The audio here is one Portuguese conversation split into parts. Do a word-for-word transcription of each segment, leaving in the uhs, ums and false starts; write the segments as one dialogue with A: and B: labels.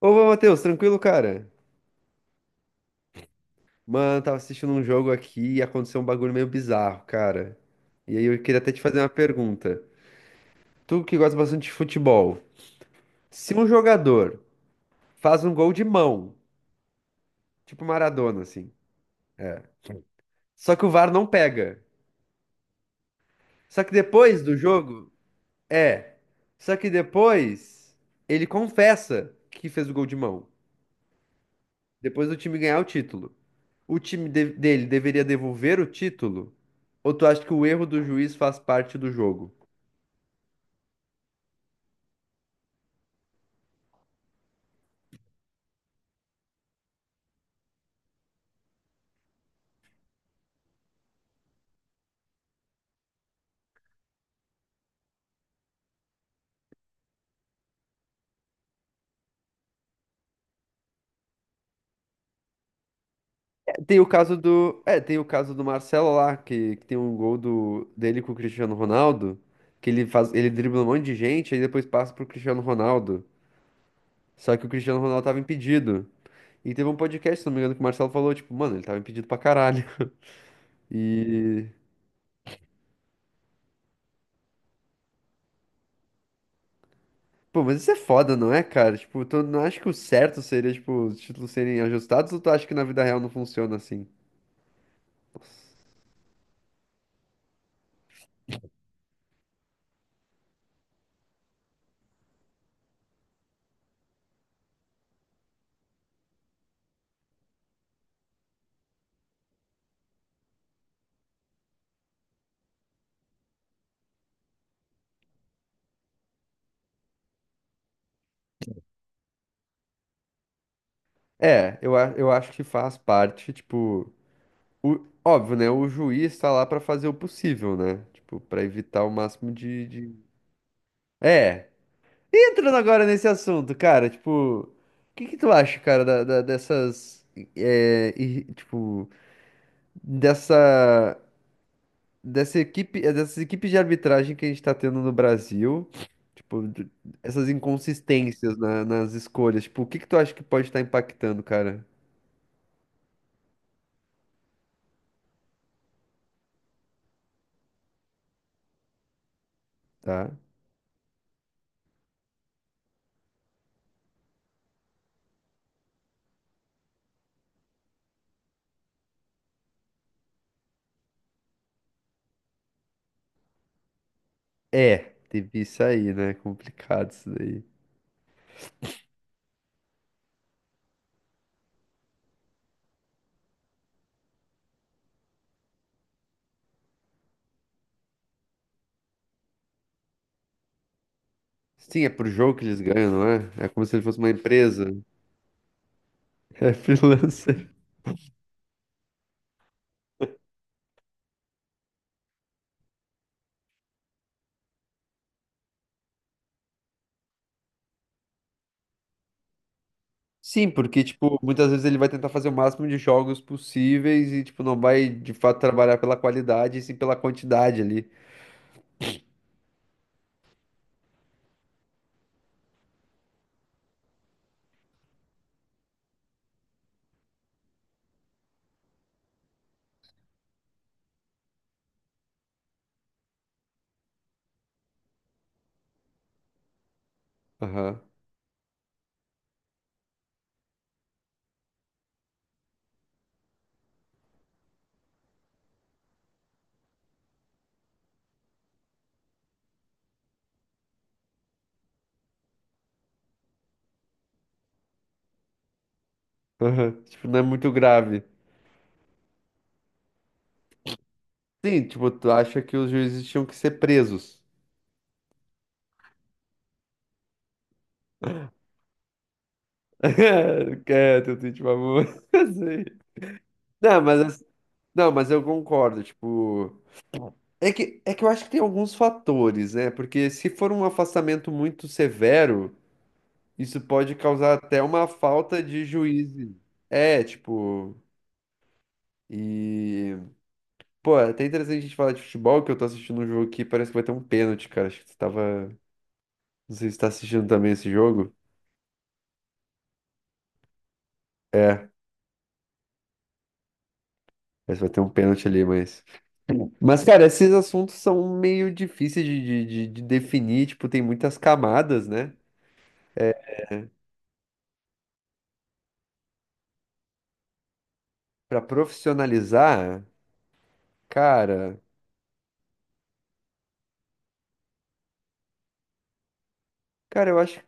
A: Ô, ô, Matheus, tranquilo, cara? Mano, tava assistindo um jogo aqui e aconteceu um bagulho meio bizarro, cara. E aí eu queria até te fazer uma pergunta. Tu que gosta bastante de futebol, se um jogador faz um gol de mão, tipo Maradona, assim, só que o VAR não pega. Só que depois do jogo, é. Só que depois ele confessa que fez o gol de mão. Depois do time ganhar o título. O time de- dele deveria devolver o título? Ou tu acha que o erro do juiz faz parte do jogo? Tem o caso do. É, tem o caso do Marcelo lá, que, que tem um gol do, dele com o Cristiano Ronaldo, que ele faz, ele dribla um monte de gente, aí depois passa pro Cristiano Ronaldo. Só que o Cristiano Ronaldo tava impedido. E teve um podcast, se não me engano, que o Marcelo falou, tipo, mano, ele tava impedido pra caralho. E. Pô, mas isso é foda, não é, cara? Tipo, tu não acha que o certo seria, tipo, os títulos serem ajustados ou tu acha que na vida real não funciona assim? É, eu, a- eu acho que faz parte, tipo. O- óbvio, né? O juiz tá lá pra fazer o possível, né? Tipo, pra evitar o máximo de, de- É. Entrando agora nesse assunto, cara, tipo, o que que tu acha, cara, da, da- dessas, é, e, tipo, dessa, dessa equipe, é, dessas equipes de arbitragem que a gente tá tendo no Brasil, tipo, d- essas inconsistências na- nas escolhas, tipo, o que que tu acha que pode estar impactando, cara? Tá? É, teve isso aí, né? Complicado isso daí. Sim, é por jogo que eles ganham, não é? É como se ele fosse uma empresa. É freelancer. Sim, porque, tipo, muitas vezes ele vai tentar fazer o máximo de jogos possíveis e, tipo, não vai, de fato, trabalhar pela qualidade, e sim pela quantidade ali. Aham. Aham. Tipo, não é muito grave. Sim, tipo, tu acha que os juízes tinham que ser presos. Quer teu tweet famoso. Sim. Não, mas, ass- não, mas eu concordo, tipo... É que, é que eu acho que tem alguns fatores, né? Porque se for um afastamento muito severo... Isso pode causar até uma falta de juízo. É, tipo. E. Pô, é até interessante a gente falar de futebol, que eu tô assistindo um jogo aqui, parece que vai ter um pênalti, cara. Acho que você tava. Não sei se você tá assistindo também esse jogo. É, parece que vai ter um pênalti ali, mas. Mas, cara, esses assuntos são meio difíceis de, de, de- de definir, tipo, tem muitas camadas, né? Pra profissionalizar, cara. Cara, eu acho.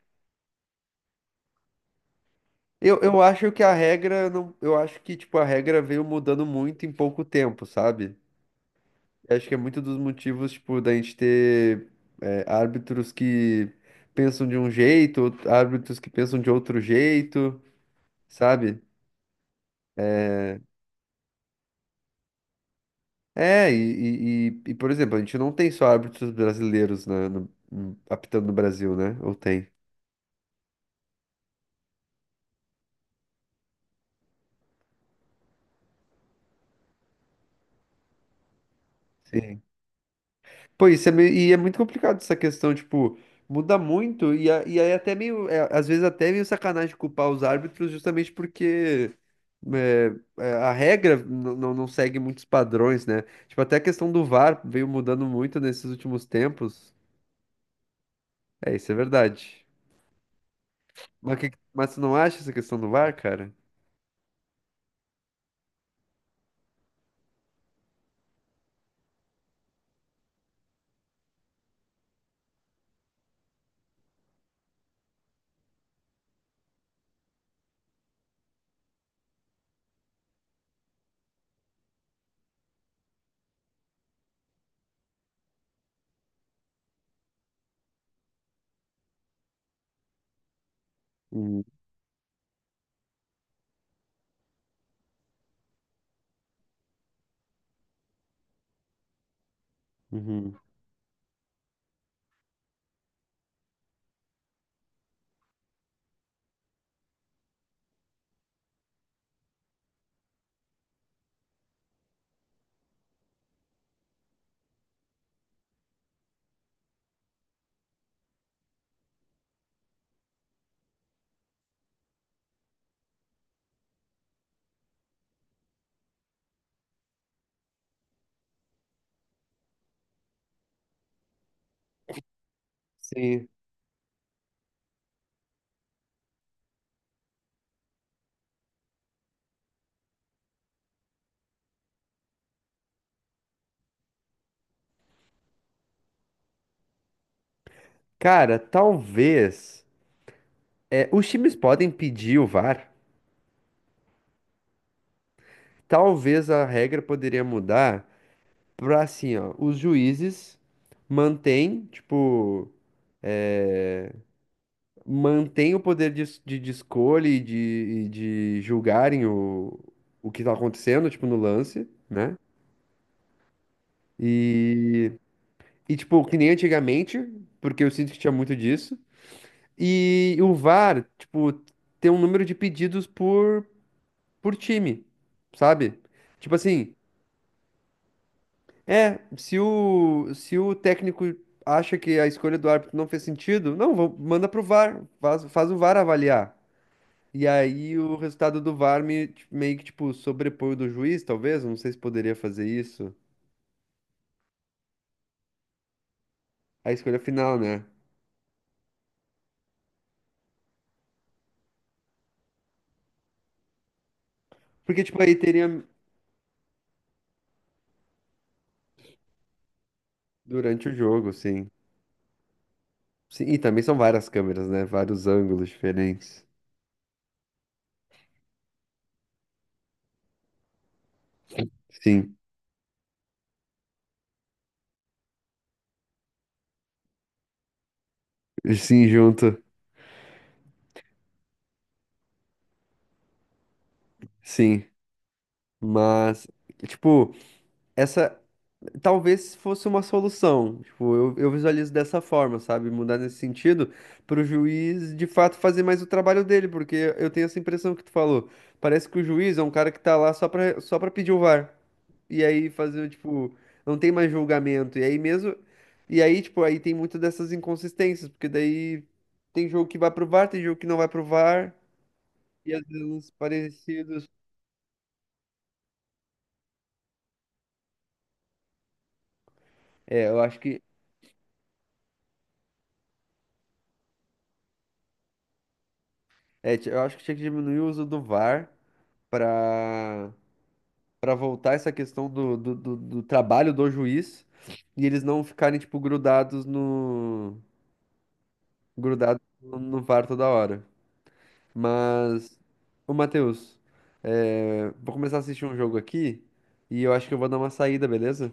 A: Eu, eu acho que a regra não, eu acho que tipo a regra veio mudando muito em pouco tempo, sabe? Eu acho que é muito dos motivos, tipo, da gente ter é, árbitros que pensam de um jeito, out- árbitros que pensam de outro jeito, sabe? É, é, e, e, e- e, por exemplo, a gente não tem só árbitros brasileiros na- no- no- apitando no Brasil, né? Ou tem? Sim. Pô, isso é meio, e é muito complicado essa questão, tipo, muda muito, e, a- e aí até meio, é, às vezes até meio sacanagem culpar os árbitros justamente porque é, é, a regra n- não não segue muitos padrões, né? Tipo, até a questão do VAR veio mudando muito nesses últimos tempos. É, isso é verdade. Mas, que, mas tu não acha essa questão do VAR, cara? Hum, uhum. Sim. Cara, talvez. É, os times podem pedir o VAR. Talvez a regra poderia mudar pra assim, ó, os juízes mantêm, tipo, mantêm o poder de, es- de, de escolha e de, e de julgarem o, o que tá acontecendo, tipo, no lance, né? E, e, tipo, que nem antigamente, porque eu sinto que tinha muito disso. E o VAR, tipo, tem um número de pedidos por, por time, sabe? Tipo assim, é, se o, se o técnico acha que a escolha do árbitro não fez sentido, não, vou- manda pro VAR, faz, faz o VAR avaliar. E aí o resultado do VAR me, ti- meio que, tipo, sobrepõe o do juiz, talvez, não sei se poderia fazer isso. A escolha final, né? Porque, tipo, aí teria durante o jogo, sim. Sim, e também são várias câmeras, né? Vários ângulos diferentes. Sim, sim, junto, sim. Mas, tipo, essa, talvez fosse uma solução. Tipo, eu, eu visualizo dessa forma, sabe? Mudar nesse sentido, para o juiz de fato fazer mais o trabalho dele, porque eu tenho essa impressão que tu falou. Parece que o juiz é um cara que tá lá só pra, só pra pedir o VAR. E aí fazer, tipo, não tem mais julgamento. E aí mesmo. E aí, tipo, aí tem muitas dessas inconsistências, porque daí tem jogo que vai pro VAR, tem jogo que não vai pro VAR, e às vezes uns parecidos. É, eu acho que. É, eu acho que tinha que diminuir o uso do VAR para para voltar essa questão do, do, do, do trabalho do juiz e eles não ficarem, tipo, grudados no, grudados no, no VAR toda hora. Mas, ô Matheus, é, vou começar a assistir um jogo aqui e eu acho que eu vou dar uma saída, beleza?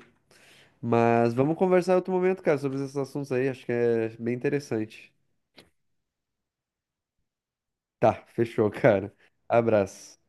A: Mas vamos conversar em outro momento, cara, sobre esses assuntos aí, acho que é bem interessante. Tá, fechou, cara. Abraço.